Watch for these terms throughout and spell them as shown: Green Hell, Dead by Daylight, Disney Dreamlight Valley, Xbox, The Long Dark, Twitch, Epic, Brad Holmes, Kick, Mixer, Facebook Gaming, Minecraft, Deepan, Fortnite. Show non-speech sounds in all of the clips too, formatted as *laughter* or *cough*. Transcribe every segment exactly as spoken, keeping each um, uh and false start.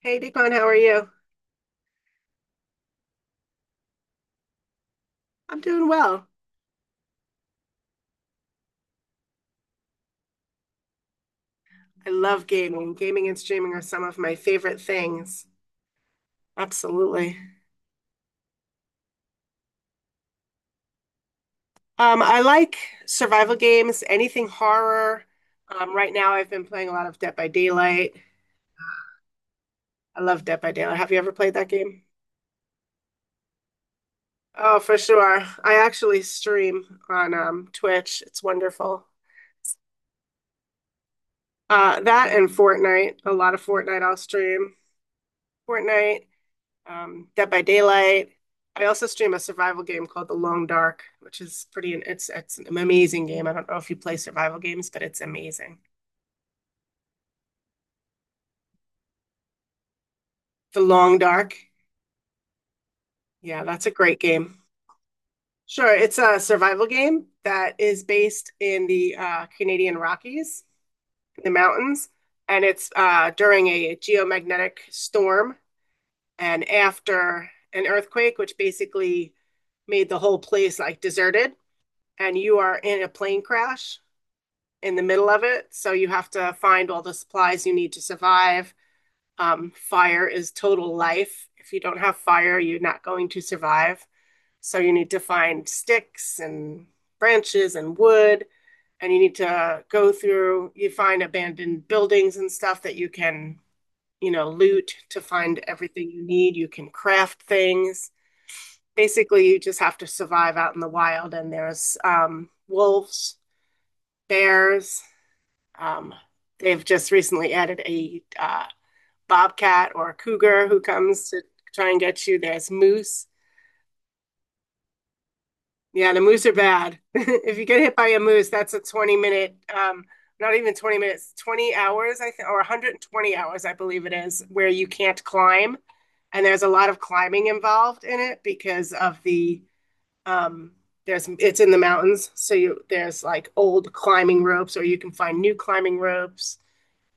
Hey, Deepan, how are you? I'm doing well. I love gaming. Gaming and streaming are some of my favorite things. Absolutely. Um, I like survival games, anything horror. Um, right now, I've been playing a lot of Dead by Daylight. I love Dead by Daylight. Have you ever played that game? Oh, for sure. I actually stream on um, Twitch. It's wonderful. Uh, that and Fortnite. A lot of Fortnite I'll stream. Fortnite. um, Dead by Daylight. I also stream a survival game called The Long Dark, which is pretty. It's it's an amazing game. I don't know if you play survival games, but it's amazing. The Long Dark. Yeah, that's a great game. Sure, it's a survival game that is based in the uh, Canadian Rockies, the mountains, and it's uh, during a geomagnetic storm and after an earthquake, which basically made the whole place like deserted. And you are in a plane crash in the middle of it. So you have to find all the supplies you need to survive. Um, fire is total life. If you don't have fire, you're not going to survive. So you need to find sticks and branches and wood, and you need to go through, you find abandoned buildings and stuff that you can, you know, loot to find everything you need. You can craft things. Basically, you just have to survive out in the wild, and there's um, wolves, bears. Um, they've just recently added a uh, bobcat or a cougar who comes to try and get you. There's moose. Yeah, the moose are bad. *laughs* If you get hit by a moose, that's a twenty minute, um, not even twenty minutes, twenty hours, I think, or one hundred twenty hours, I believe it is, where you can't climb. And there's a lot of climbing involved in it because of the, um, there's, it's in the mountains. So you, there's like old climbing ropes, or you can find new climbing ropes.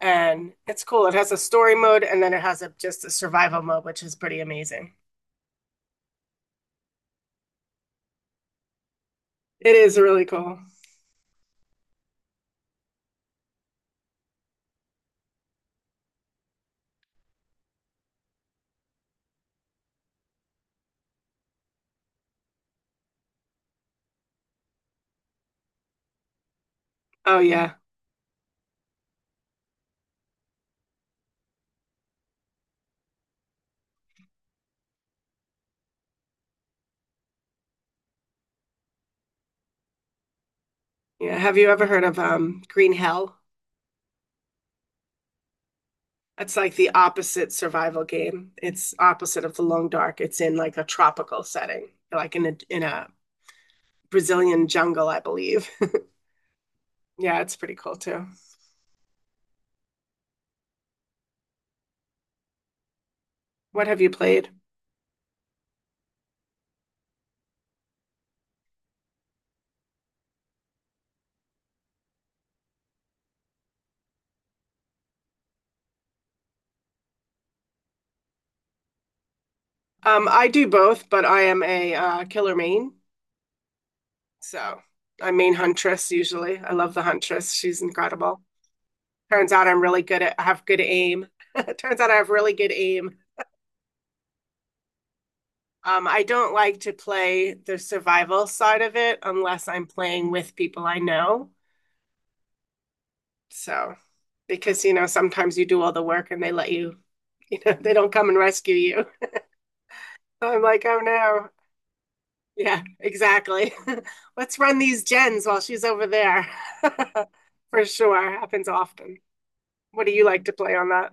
And it's cool. It has a story mode and then it has a, just a survival mode, which is pretty amazing. It is really cool. Oh yeah. Yeah. Have you ever heard of um Green Hell? It's like the opposite survival game. It's opposite of the Long Dark. It's in like a tropical setting, like in a in a Brazilian jungle, I believe. *laughs* Yeah, it's pretty cool too. What have you played? Um, I do both, but I am a uh, killer main, so I'm main huntress usually. I love the huntress. She's incredible. Turns out I'm really good at, I have good aim. *laughs* Turns out I have really good aim. Um, I don't like to play the survival side of it unless I'm playing with people I know. So, because, you know, sometimes you do all the work and they let you, *laughs* you know, they don't come and rescue you. *laughs* So I'm like, oh no. Yeah, exactly. *laughs* Let's run these gens while she's over there. *laughs* For sure. Happens often. What do you like to play on that?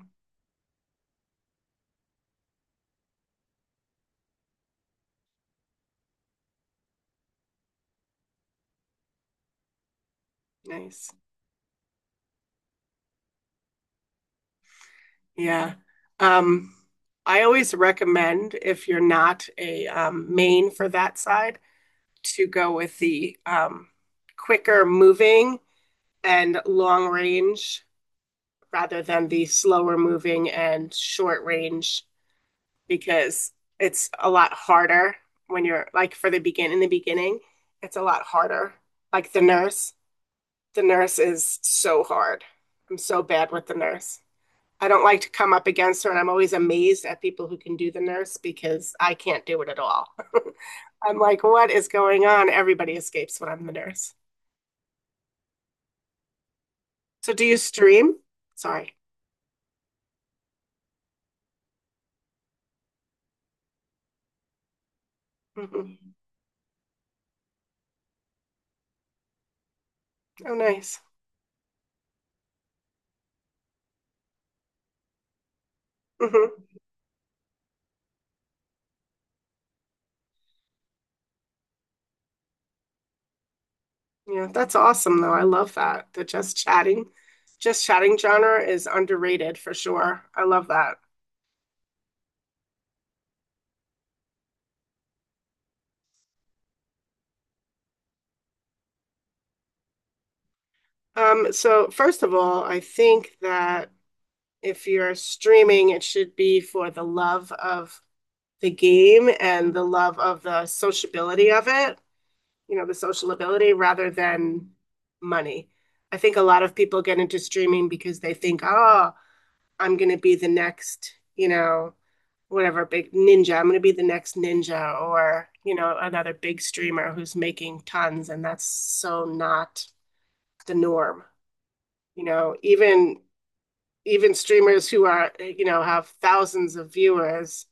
Nice. Yeah. Um, I always recommend if you're not a um, main for that side to go with the um, quicker moving and long range rather than the slower moving and short range because it's a lot harder when you're like for the begin in the beginning, it's a lot harder. Like the nurse, the nurse is so hard. I'm so bad with the nurse. I don't like to come up against her, and I'm always amazed at people who can do the nurse because I can't do it at all. *laughs* I'm like, what is going on? Everybody escapes when I'm the nurse. So do you stream? Sorry. Hmm. Oh, nice. Hmm. Yeah, that's awesome though. I love that. The just chatting, just chatting genre is underrated for sure. I love that. Um, so first of all, I think that if you're streaming, it should be for the love of the game and the love of the sociability of it, you know, the social ability rather than money. I think a lot of people get into streaming because they think, oh, I'm going to be the next, you know, whatever big ninja. I'm going to be the next ninja or, you know, another big streamer who's making tons. And that's so not the norm. You know, even even streamers who are, you know, have thousands of viewers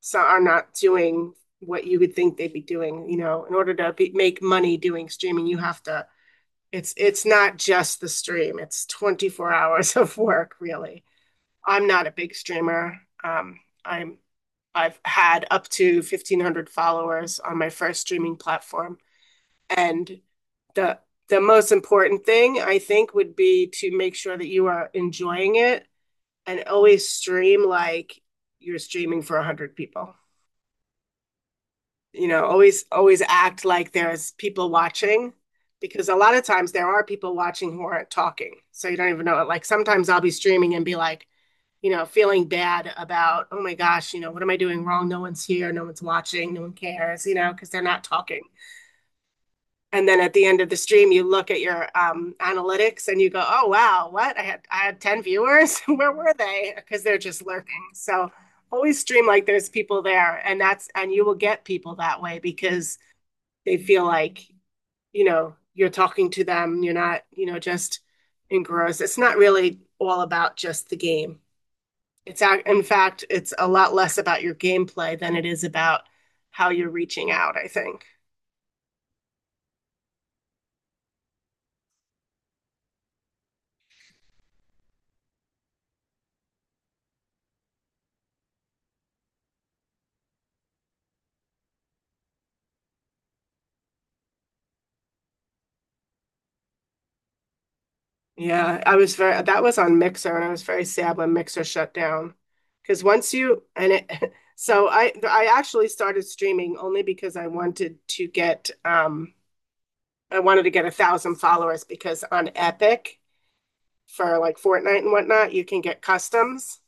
so are not doing what you would think they'd be doing. You know, in order to be, make money doing streaming, you have to. It's it's not just the stream. It's twenty-four *laughs* hours of work, really. I'm not a big streamer. Um, I'm I've had up to fifteen hundred followers on my first streaming platform, and the the most important thing I think would be to make sure that you are enjoying it and always stream like you're streaming for one hundred people. You know, always, always act like there's people watching, because a lot of times there are people watching who aren't talking, so you don't even know it. Like sometimes I'll be streaming and be like, you know, feeling bad about oh my gosh, you know, what am I doing wrong, no one's here, no one's watching, no one cares, you know, because they're not talking. And then at the end of the stream you look at your um, analytics and you go oh wow, what, i had i had ten viewers *laughs* where were they, because they're just lurking. So always stream like there's people there, and that's, and you will get people that way because they feel like, you know, you're talking to them, you're not, you know, just engrossed. It's not really all about just the game. It's ac- in fact, it's a lot less about your gameplay than it is about how you're reaching out, I think. Yeah, I was very, that was on Mixer, and I was very sad when Mixer shut down. Because once you, and it, *laughs* so I, I actually started streaming only because I wanted to get, um, I wanted to get a thousand followers because on Epic, for like Fortnite and whatnot, you can get customs.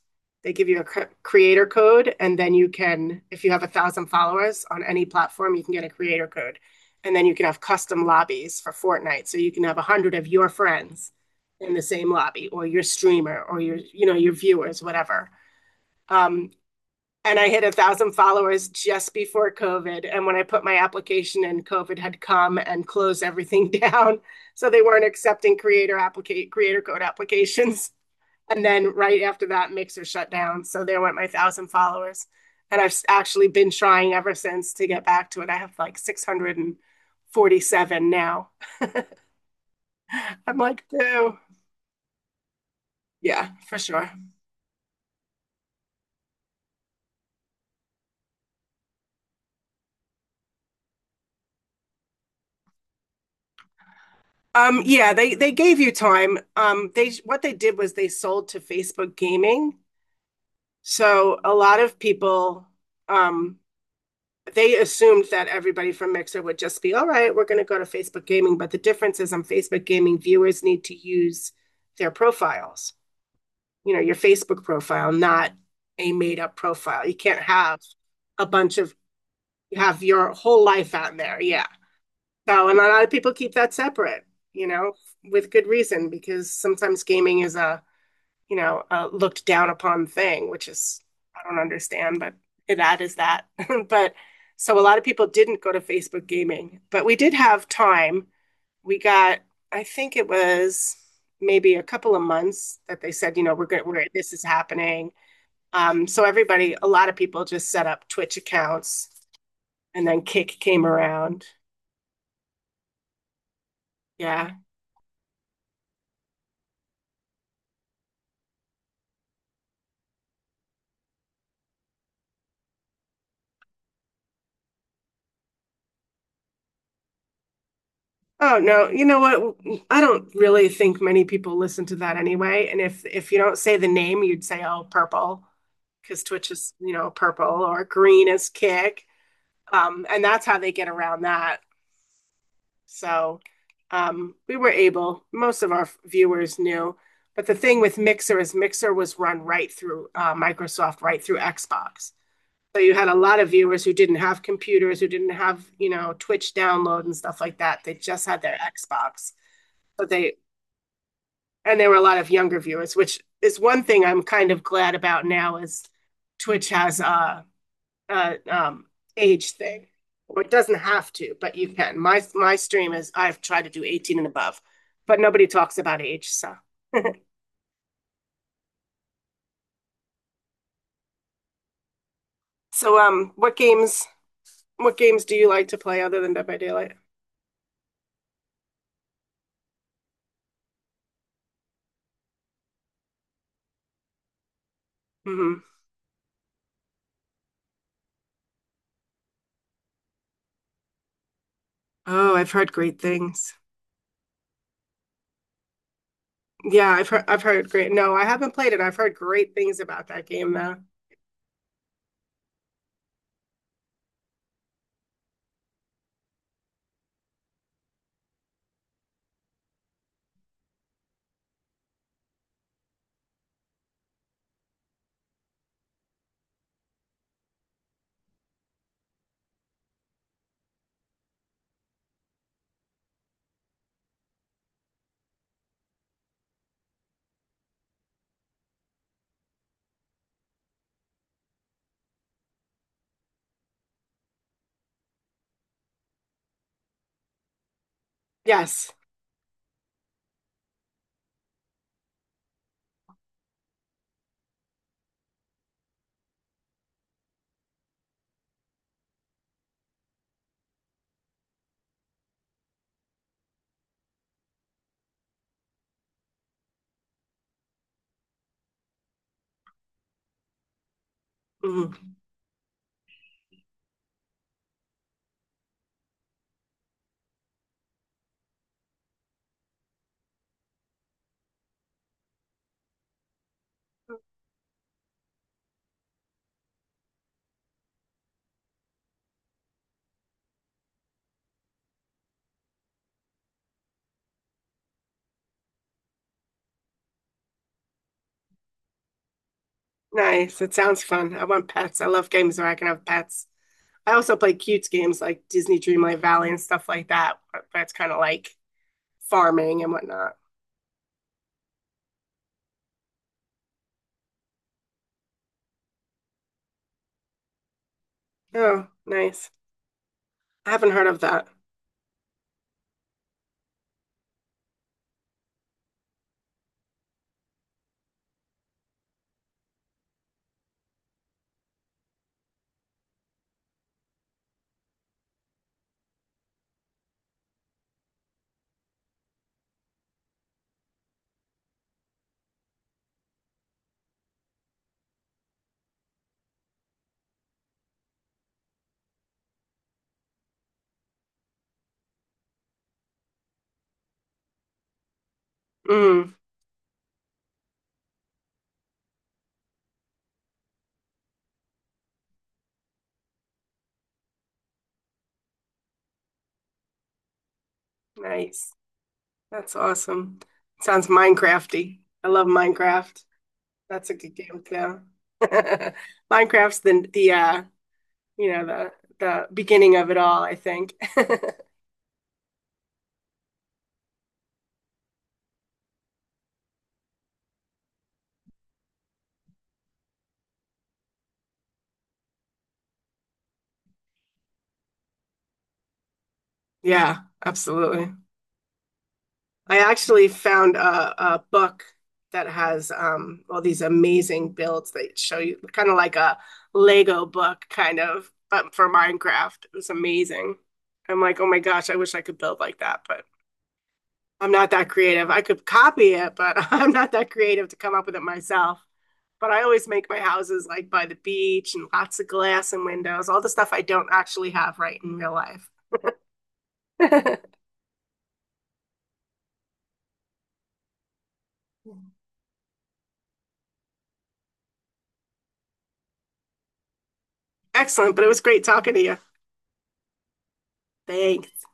They give you a cre- creator code, and then you can, if you have a thousand followers on any platform, you can get a creator code. And then you can have custom lobbies for Fortnite. So you can have a hundred of your friends in the same lobby, or your streamer, or your, you know, your viewers, whatever. Um, and I hit a thousand followers just before COVID. And when I put my application in, COVID had come and closed everything *laughs* down. So they weren't accepting creator applicate creator code applications. And then right after that, Mixer shut down. So there went my thousand followers. And I've actually been trying ever since to get back to it. I have like six hundred forty-seven now. I'm like, ew. Yeah, for sure. Um, yeah, they they gave you time. Um, they what they did was they sold to Facebook Gaming. So a lot of people um they assumed that everybody from Mixer would just be, all right, we're going to go to Facebook Gaming. But the difference is on Facebook Gaming, viewers need to use their profiles, you know, your Facebook profile, not a made up profile. You can't have a bunch of, you have your whole life out there. Yeah. So, and a lot of people keep that separate, you know, with good reason, because sometimes gaming is a, you know, a looked down upon thing, which is, I don't understand, but that is that. *laughs* But so a lot of people didn't go to Facebook gaming, but we did have time. We got, I think it was maybe a couple of months that they said, you know, we're going, we're, this is happening. Um, so everybody, a lot of people just set up Twitch accounts and then Kick came around. Yeah. Oh no, you know what? I don't really think many people listen to that anyway. And if if you don't say the name, you'd say, "Oh, purple," because Twitch is, you know, purple or green is kick. Um, and that's how they get around that. So, um, we were able. Most of our viewers knew, but the thing with Mixer is Mixer was run right through uh, Microsoft, right through Xbox. So you had a lot of viewers who didn't have computers, who didn't have, you know, Twitch download and stuff like that. They just had their Xbox. So they and there were a lot of younger viewers, which is one thing I'm kind of glad about now is Twitch has a, a um, age thing. Or it doesn't have to, but you can. My my stream is I've tried to do eighteen and above, but nobody talks about age. So, *laughs* so um, what games what games do you like to play other than Dead by Daylight? Hmm. Oh, I've heard great things. Yeah, I've heard I've heard great. No, I haven't played it. I've heard great things about that game though. Yes. Mhm. Nice. It sounds fun. I want pets. I love games where I can have pets. I also play cute games like Disney Dreamlight Valley and stuff like that. That's kind of like farming and whatnot. Oh, nice. I haven't heard of that. Mm, nice. That's awesome. Sounds Minecrafty. I love Minecraft. That's a good game too. *laughs* Minecraft's the the uh, you know, the the beginning of it all, I think. *laughs* Yeah, absolutely. I actually found a, a book that has um, all these amazing builds that show you kind of like a Lego book, kind of, but for Minecraft. It was amazing. I'm like, oh my gosh, I wish I could build like that, but I'm not that creative. I could copy it, but *laughs* I'm not that creative to come up with it myself. But I always make my houses like by the beach and lots of glass and windows, all the stuff I don't actually have right in real life. *laughs* Excellent, but it was great talking to you. Thanks.